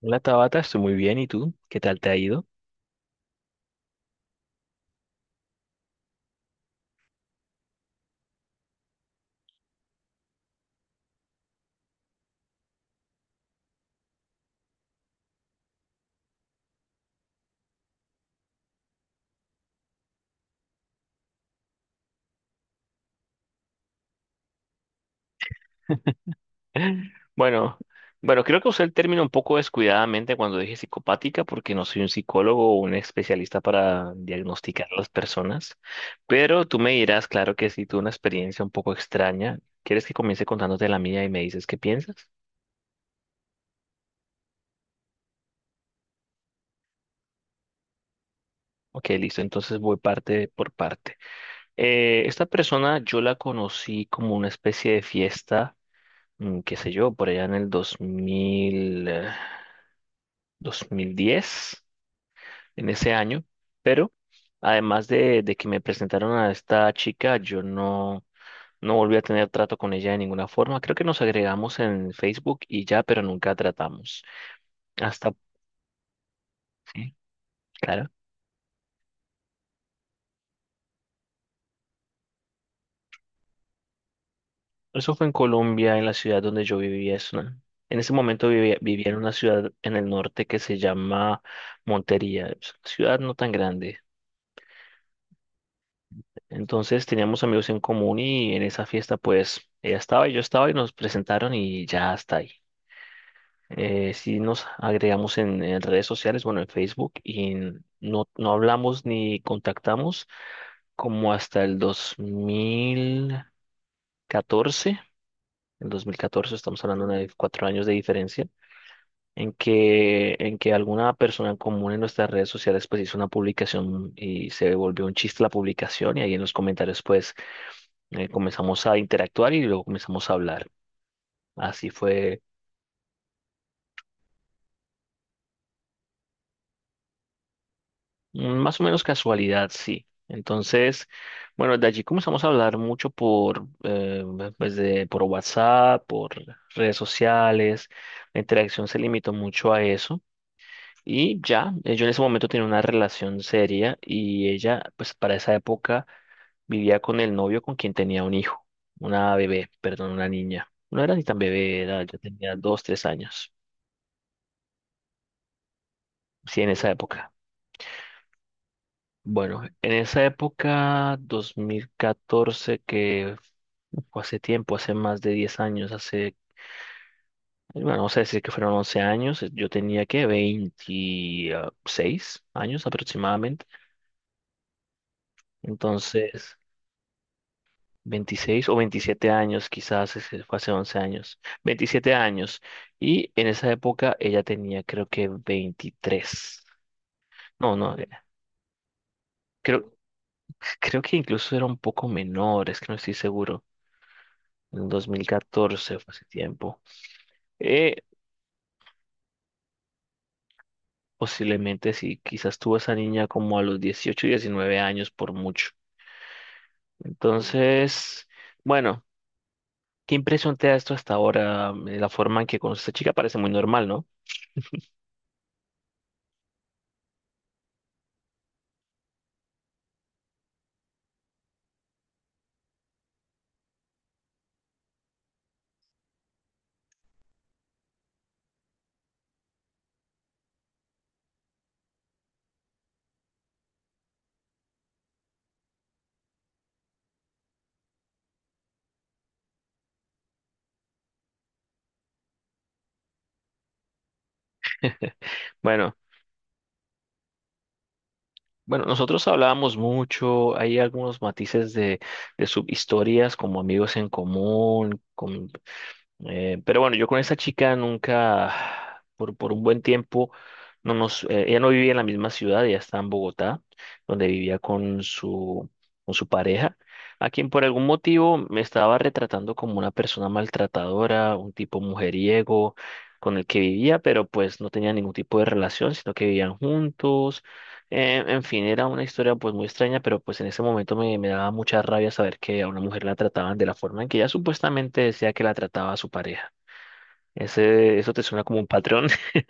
Hola Tabata, estoy muy bien. ¿Y tú? ¿Qué tal te ha ido? Bueno, bueno, creo que usé el término un poco descuidadamente cuando dije psicopática, porque no soy un psicólogo o un especialista para diagnosticar a las personas, pero tú me dirás, claro que sí, tuve una experiencia un poco extraña. ¿Quieres que comience contándote la mía y me dices qué piensas? Ok, listo, entonces voy parte por parte. Esta persona yo la conocí como una especie de fiesta, qué sé yo, por allá en el 2000, 2010. En ese año, pero además de que me presentaron a esta chica, yo no, no volví a tener trato con ella de ninguna forma. Creo que nos agregamos en Facebook y ya, pero nunca tratamos. Hasta, sí, claro. Eso fue en Colombia, en la ciudad donde yo vivía. En ese momento vivía en una ciudad en el norte que se llama Montería, es una ciudad no tan grande. Entonces teníamos amigos en común y en esa fiesta pues ella estaba y yo estaba y nos presentaron y ya hasta ahí. Sí nos agregamos en redes sociales, bueno, en Facebook, y no hablamos ni contactamos como hasta el 2014. El 2014 estamos hablando de 4 años de diferencia, en que alguna persona en común en nuestras redes sociales pues hizo una publicación y se volvió un chiste la publicación y ahí en los comentarios comenzamos a interactuar y luego comenzamos a hablar. Así fue. Mm. Más o menos casualidad, sí. Entonces, bueno, de allí comenzamos a hablar mucho por WhatsApp, por redes sociales. La interacción se limitó mucho a eso. Y ya, yo en ese momento tenía una relación seria y ella, pues para esa época, vivía con el novio con quien tenía un hijo, una bebé, perdón, una niña. No era ni tan bebé, era, yo tenía 2, 3 años. Sí, en esa época. Bueno, en esa época, 2014 que o hace tiempo, hace más de 10 años, hace, bueno, vamos a decir que fueron 11 años, yo tenía que 26 años aproximadamente, entonces 26 o 27 años quizás, ese fue hace 11 años, 27 años, y en esa época ella tenía creo que 23, no, no, creo, creo que incluso era un poco menor, es que no estoy seguro. En 2014 fue hace tiempo. Eh, Posiblemente sí, quizás tuvo esa niña como a los 18, 19 años por mucho. Entonces, bueno, ¿qué impresión te da esto hasta ahora? La forma en que conoces a esta chica parece muy normal, ¿no? Bueno, bueno, nosotros hablábamos mucho, hay algunos matices de subhistorias como amigos en común, pero bueno, yo con esa chica nunca, por un buen tiempo, ella no vivía en la misma ciudad, ella está en Bogotá, donde vivía con su pareja, a quien por algún motivo me estaba retratando como una persona maltratadora, un tipo mujeriego con el que vivía, pero pues no tenía ningún tipo de relación, sino que vivían juntos. En fin, era una historia pues muy extraña, pero pues en ese momento me daba mucha rabia saber que a una mujer la trataban de la forma en que ella supuestamente decía que la trataba a su pareja. Eso te suena como un patrón.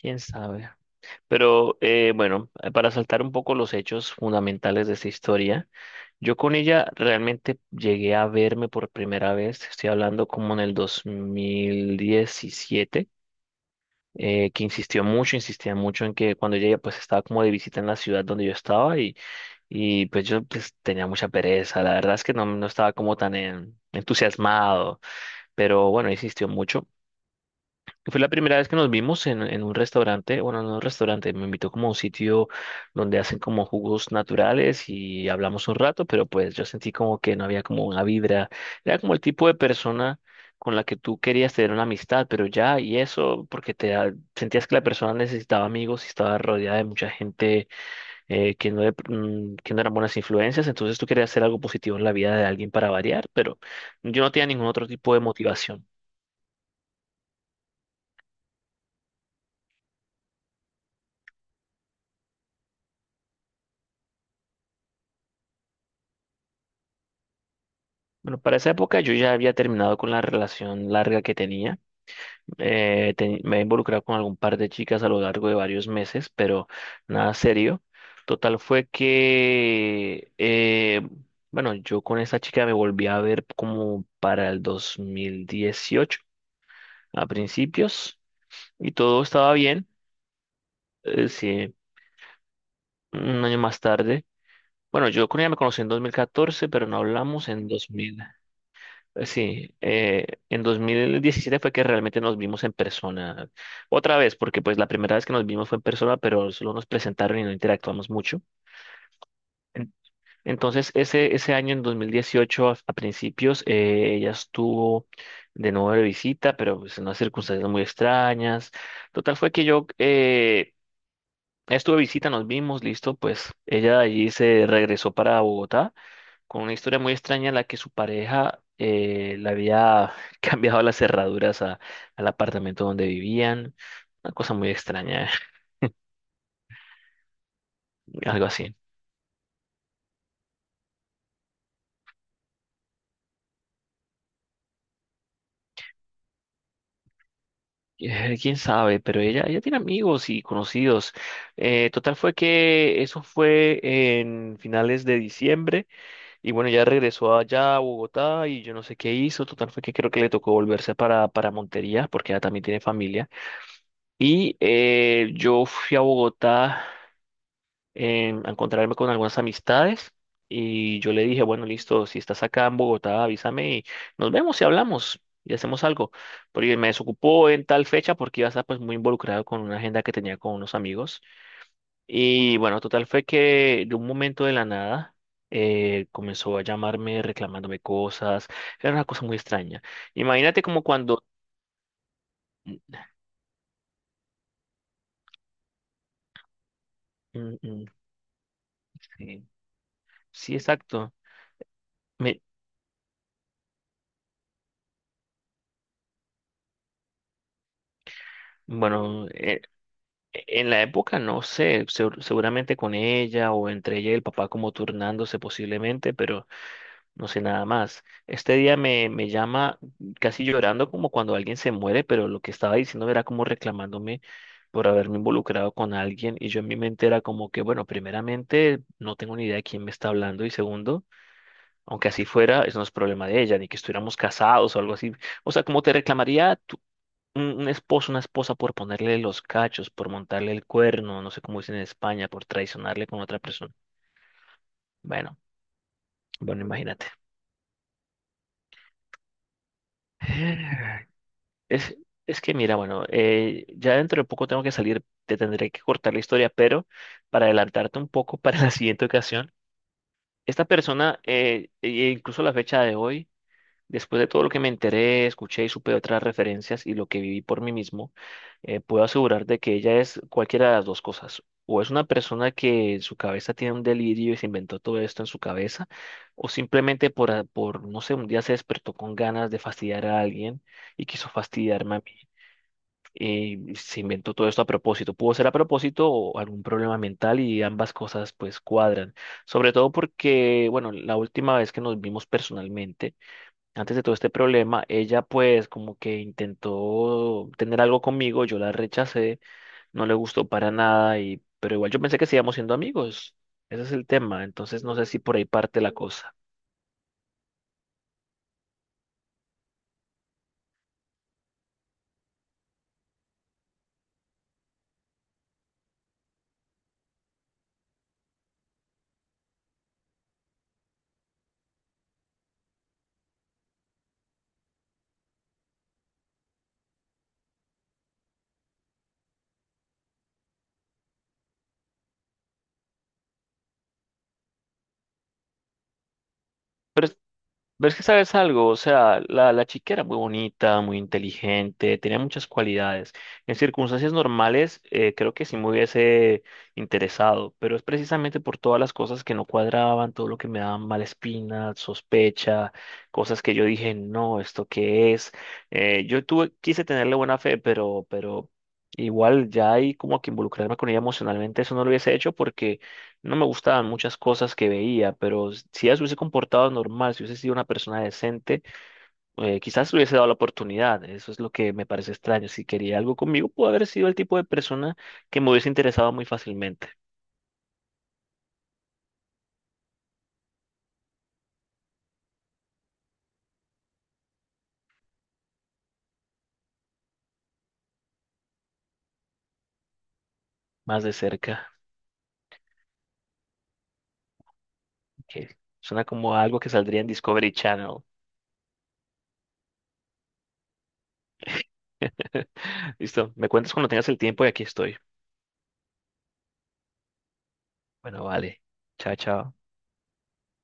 Quién sabe. Pero bueno, para saltar un poco los hechos fundamentales de esta historia, yo con ella realmente llegué a verme por primera vez, estoy hablando como en el 2017, que insistió mucho, insistía mucho en que cuando ella pues estaba como de visita en la ciudad donde yo estaba. Y pues yo pues, tenía mucha pereza, la verdad es que no estaba como tan entusiasmado, pero bueno, insistió mucho. Y fue la primera vez que nos vimos en un restaurante, bueno, no un restaurante, me invitó como a un sitio donde hacen como jugos naturales y hablamos un rato, pero pues yo sentí como que no había como una vibra, era como el tipo de persona con la que tú querías tener una amistad, pero ya, y eso porque sentías que la persona necesitaba amigos y estaba rodeada de mucha gente que no eran buenas influencias, entonces tú querías hacer algo positivo en la vida de alguien para variar, pero yo no tenía ningún otro tipo de motivación. Bueno, para esa época yo ya había terminado con la relación larga que tenía. Me he involucrado con algún par de chicas a lo largo de varios meses, pero nada serio. Total fue que, bueno, yo con esa chica me volví a ver como para el 2018 a principios, y todo estaba bien. Sí, un año más tarde. Bueno, yo con ella me conocí en 2014, pero no hablamos en 2000. Sí, en 2017 fue que realmente nos vimos en persona. Otra vez, porque pues la primera vez que nos vimos fue en persona, pero solo nos presentaron y no interactuamos mucho. En- Entonces, ese año, en 2018, a principios, ella estuvo de nuevo de visita, pero pues, en unas circunstancias muy extrañas. Total fue que estuve de visita, nos vimos, listo, pues ella allí se regresó para Bogotá con una historia muy extraña en la que su pareja le había cambiado las cerraduras al apartamento donde vivían. Una cosa muy extraña, algo así. Quién sabe, pero ella tiene amigos y conocidos. Total fue que eso fue en finales de diciembre y bueno, ya regresó allá a Bogotá y yo no sé qué hizo. Total fue que creo que le tocó volverse para Montería porque ella también tiene familia. Y yo fui a Bogotá, a encontrarme con algunas amistades y yo le dije, bueno, listo, si estás acá en Bogotá, avísame y nos vemos y hablamos y hacemos algo. Porque me desocupó en tal fecha porque iba a estar pues muy involucrado con una agenda que tenía con unos amigos. Y bueno, total fue que de un momento de la nada, comenzó a llamarme reclamándome cosas, era una cosa muy extraña. Imagínate como cuando... Mm, mm, mm, sí, sí, exacto. Me- bueno, en la época, no sé, seguramente con ella o entre ella y el papá como turnándose posiblemente, pero no sé nada más. Este día me llama casi llorando como cuando alguien se muere, pero lo que estaba diciendo era como reclamándome por haberme involucrado con alguien y yo en mi mente era como que, bueno, primeramente no tengo ni idea de quién me está hablando y segundo, aunque así fuera, eso no es problema de ella, ni que estuviéramos casados o algo así. O sea, como te reclamaría un esposo, una esposa por ponerle los cachos, por montarle el cuerno, no sé cómo dicen en España, por traicionarle con otra persona. Bueno, bueno, imagínate. Es, es que mira, bueno, ya dentro de poco tengo que salir, te tendré que cortar la historia, pero para adelantarte un poco para la siguiente ocasión, esta persona, e incluso la fecha de hoy, después de todo lo que me enteré, escuché y supe de otras referencias y lo que viví por mí mismo, puedo asegurar de que ella es cualquiera de las dos cosas. O es una persona que en su cabeza tiene un delirio y se inventó todo esto en su cabeza, o simplemente por no sé, un día se despertó con ganas de fastidiar a alguien y quiso fastidiarme a mí. Y se inventó todo esto a propósito. Pudo ser a propósito o algún problema mental y ambas cosas pues cuadran. Sobre todo porque, bueno, la última vez que nos vimos personalmente, antes de todo este problema, ella pues como que intentó tener algo conmigo, yo la rechacé, no le gustó para nada y pero igual yo pensé que sigamos siendo amigos. Ese es el tema, entonces no sé si por ahí parte la cosa. Ves que sabes algo, o sea, la chica era muy bonita, muy inteligente, tenía muchas cualidades. En circunstancias normales, creo que sí me hubiese interesado, pero es precisamente por todas las cosas que no cuadraban, todo lo que me daban mala espina, sospecha, cosas que yo dije, no, ¿esto qué es? Yo tuve, quise tenerle buena fe, pero igual ya ahí como que involucrarme con ella emocionalmente, eso no lo hubiese hecho porque no me gustaban muchas cosas que veía, pero si ella se hubiese comportado normal, si hubiese sido una persona decente, quizás le hubiese dado la oportunidad. Eso es lo que me parece extraño. Si quería algo conmigo, pudo haber sido el tipo de persona que me hubiese interesado muy fácilmente, más de cerca, que suena como algo que saldría en Discovery Channel. Listo, me cuentas cuando tengas el tiempo y aquí estoy. Bueno, vale. Chao, chao.